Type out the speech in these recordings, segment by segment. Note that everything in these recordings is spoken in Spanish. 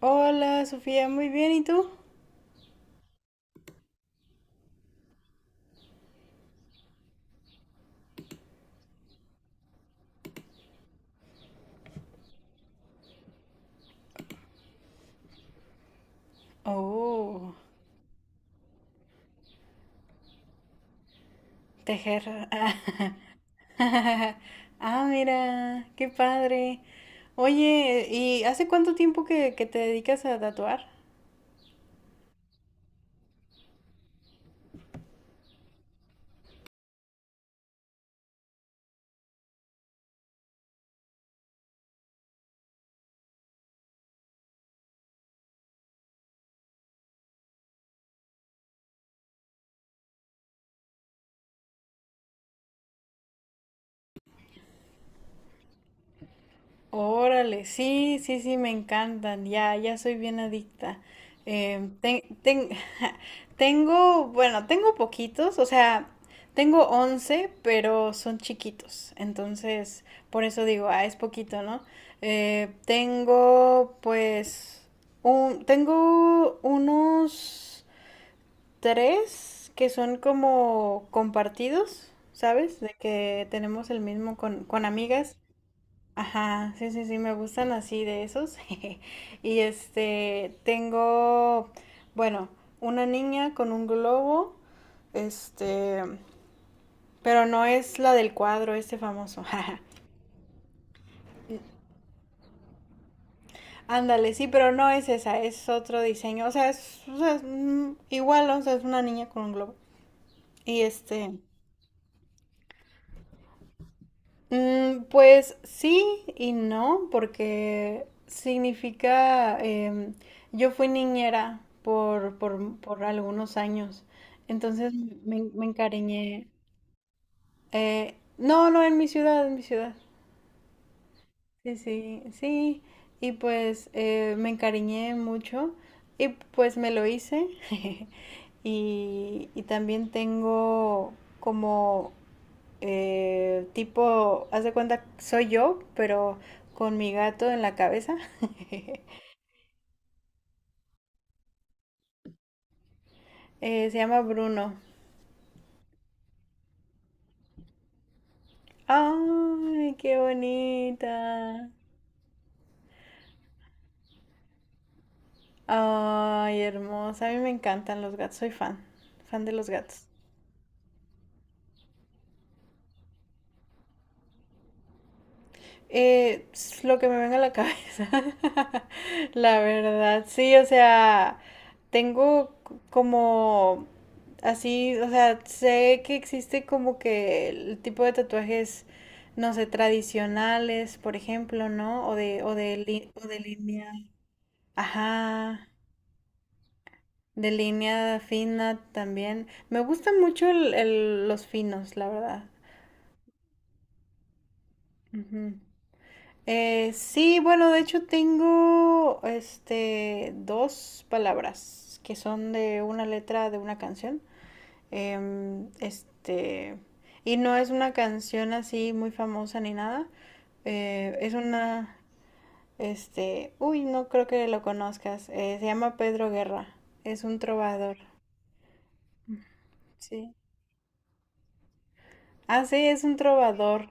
Hola, Sofía, muy bien, ¿y tú? Oh, tejer. Ah, ah, mira, qué padre. Oye, ¿y hace cuánto tiempo que te dedicas a tatuar? Órale, sí, sí, sí, me encantan, ya, ya soy bien adicta. Em, ten- ten- Tengo, bueno, tengo poquitos, o sea, tengo 11, pero son chiquitos, entonces, por eso digo, ah, es poquito, ¿no? Tengo, pues, tengo unos tres que son como compartidos, ¿sabes? De que tenemos el mismo con amigas. Ajá, sí, sí, sí, me gustan así de esos. Y este, tengo, bueno, una niña con un globo, este, pero no es la del cuadro, este famoso. Ándale, sí, pero no es esa, es otro diseño. O sea, es, igual, ¿no? O sea, es una niña con un globo. Y este, pues sí y no, porque significa, yo fui niñera por algunos años, entonces me encariñé. No, no, en mi ciudad, en mi ciudad. Sí, sí, sí. Y pues me encariñé mucho y pues me lo hice. Y también tengo como tipo, haz de cuenta, soy yo, pero con mi gato en la cabeza. Se llama Bruno. ¡Ay, qué bonita! ¡Ay, hermosa! A mí me encantan los gatos, soy fan, fan de los gatos. Es lo que me venga a la cabeza, la verdad, sí, o sea, tengo como así, o sea, sé que existe como que el tipo de tatuajes, no sé, tradicionales, por ejemplo, ¿no? O de línea, ajá, de línea fina también. Me gustan mucho los finos, la verdad. Ujú. Sí, bueno, de hecho tengo este dos palabras que son de una letra de una canción. Este, y no es una canción así muy famosa ni nada. Eh, es una, Uy, no creo que lo conozcas. Se llama Pedro Guerra. Es un trovador. Sí. Ah, sí, es un trovador.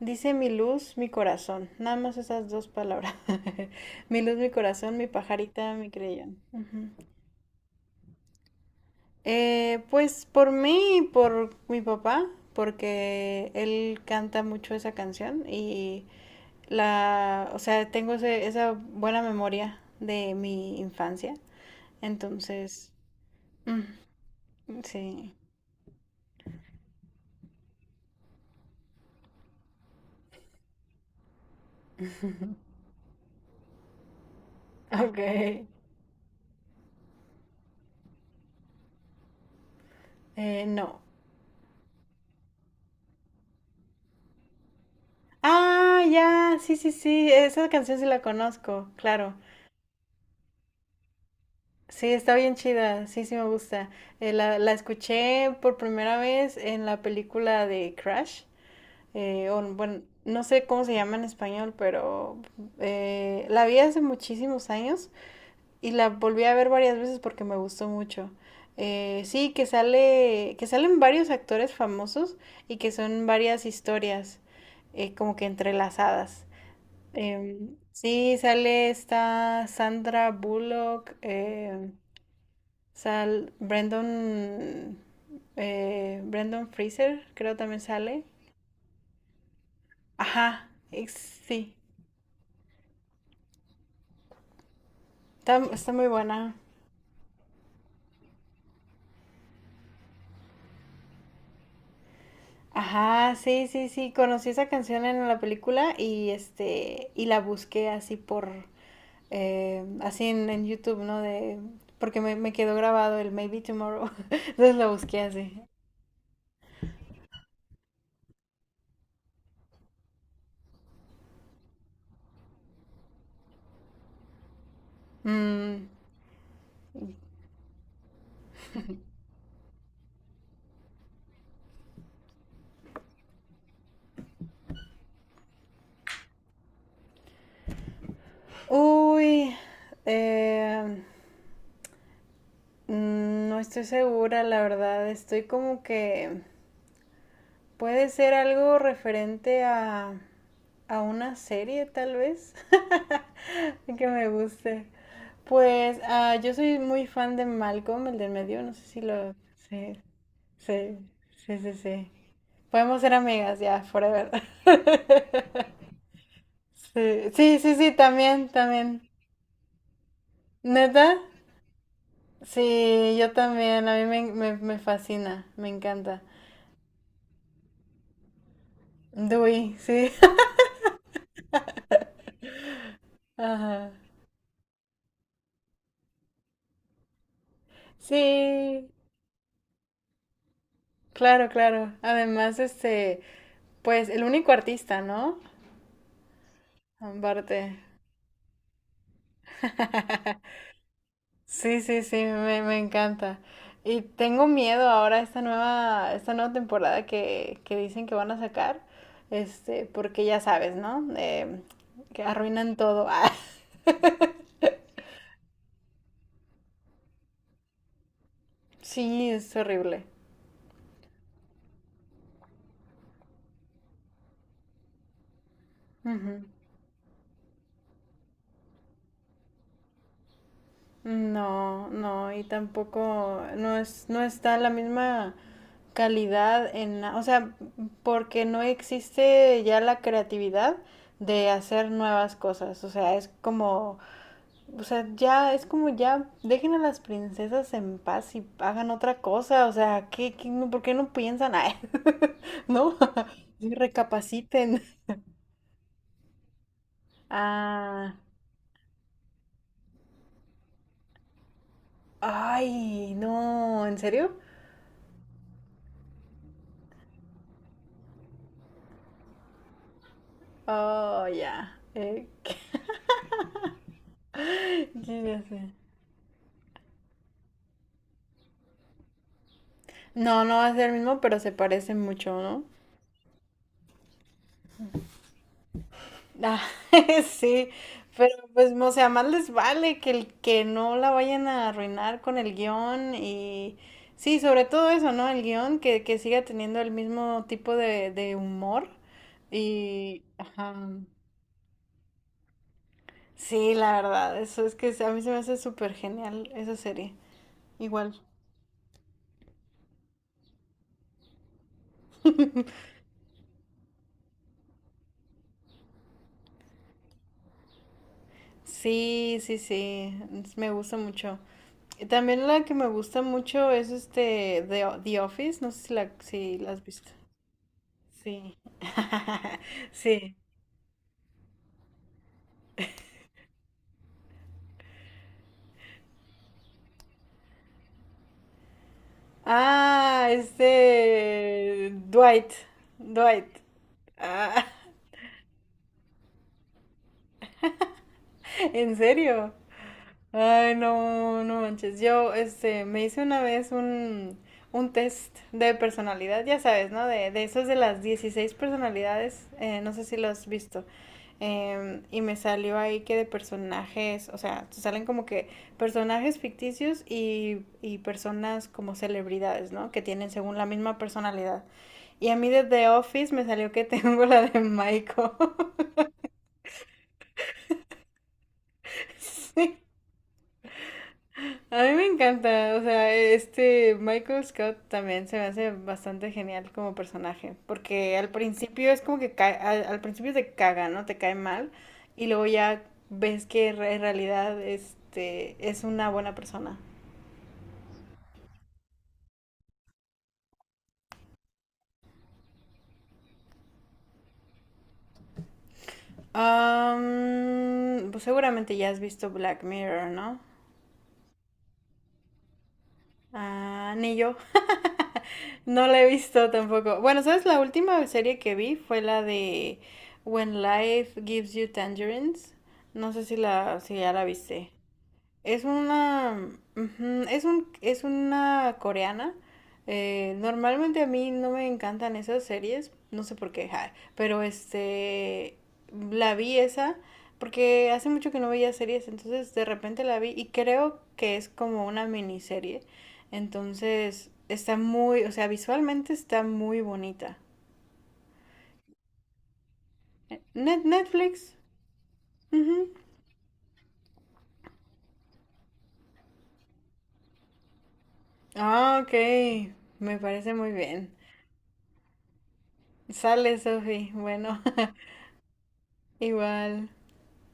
Dice mi luz, mi corazón. Nada más esas dos palabras. Mi luz, mi corazón, mi pajarita, mi creyón. Ujú. Pues por mí y por mi papá, porque él canta mucho esa canción y o sea, tengo esa buena memoria de mi infancia. Entonces, mm, sí. Ok. No. Ah, ya, sí, sí, sí, esa canción sí la conozco, claro. Sí, está bien chida, sí, sí me gusta. La escuché por primera vez en la película de Crash, bueno, no sé cómo se llama en español, pero la vi hace muchísimos años y la volví a ver varias veces porque me gustó mucho. Sí, que salen varios actores famosos y que son varias historias como que entrelazadas. Sí, sale esta Sandra Bullock. Sal Brandon, Brandon Fraser, creo también sale. Ajá, sí, está muy buena. Ajá, sí, sí, sí, conocí esa canción en la película y este, y la busqué así en YouTube, ¿no? Porque me quedó grabado el Maybe Tomorrow, entonces la busqué así. Mm, Uy, eh, no estoy segura, la verdad. Estoy como que Puede ser algo referente a una serie, tal vez, que me guste. Pues ah, yo soy muy fan de Malcolm, el del medio, no sé si lo... Sí, sí, sí, sí, sí. Podemos ser amigas ya, forever. Sí, sí, sí, sí, también, también. ¿Neta? Sí, yo también, a mí me fascina, me encanta. Dewey, sí. Ajá. Sí, claro, claro. Además, este, pues el único artista, ¿no? Aparte. Sí, sí, sí, me encanta. Y tengo miedo ahora a esta nueva temporada que dicen que van a sacar, este, porque ya sabes, ¿no? Que arruinan todo. Sí, es horrible. Ujú. No, no, y tampoco, no es, no está la misma calidad en, o sea, porque no existe ya la creatividad de hacer nuevas cosas, o sea, es como, o sea, ya es como ya dejen a las princesas en paz y hagan otra cosa, o sea, por qué no piensan? Ay, ¿no? Sí, recapaciten. Ah, ay, no, ¿en serio? Oh, ya. Qué ya sé? No, no va a ser el mismo, pero se parece mucho, ¿no? Ah, sí, pero pues, o sea, más les vale que el que no la vayan a arruinar con el guión y sí, sobre todo eso, ¿no? El guión que siga teniendo el mismo tipo de humor y, ajá, sí, la verdad, eso es que a mí se me hace súper genial esa serie, igual. Sí, sí, sí, me gusta mucho. Y también la que me gusta mucho es este The Office, no sé si la has visto. Sí. Sí. Ah, este Dwight. Dwight. Ah, ¿en serio? Ay, no, no manches. Yo, este, me hice una vez un, test de personalidad, ya sabes, ¿no? De esos de las 16 personalidades. No sé si lo has visto. Y me salió ahí que de personajes, o sea, te salen como que personajes ficticios y personas como celebridades, ¿no? Que tienen según la misma personalidad. Y a mí de The Office me salió que tengo la de Michael. Sí. A mí me encanta, o sea, este Michael Scott también se me hace bastante genial como personaje, porque al principio es como que al principio te caga, ¿no? Te cae mal y luego ya ves que en realidad este es una buena persona. Pues seguramente ya has visto Black Mirror, ¿no? Ah, ni yo. No la he visto tampoco. Bueno, ¿sabes? La última serie que vi fue la de When Life Gives You Tangerines. No sé si ya la viste. Es una, Ujú, es una coreana. Normalmente a mí no me encantan esas series, no sé por qué, ja, pero este, la vi esa porque hace mucho que no veía series, entonces de repente la vi y creo que es como una miniserie. Entonces está muy, o sea, visualmente está muy bonita. Netflix. Ujú. Ah, ok, me parece muy bien. Sale, Sophie. Bueno. Igual.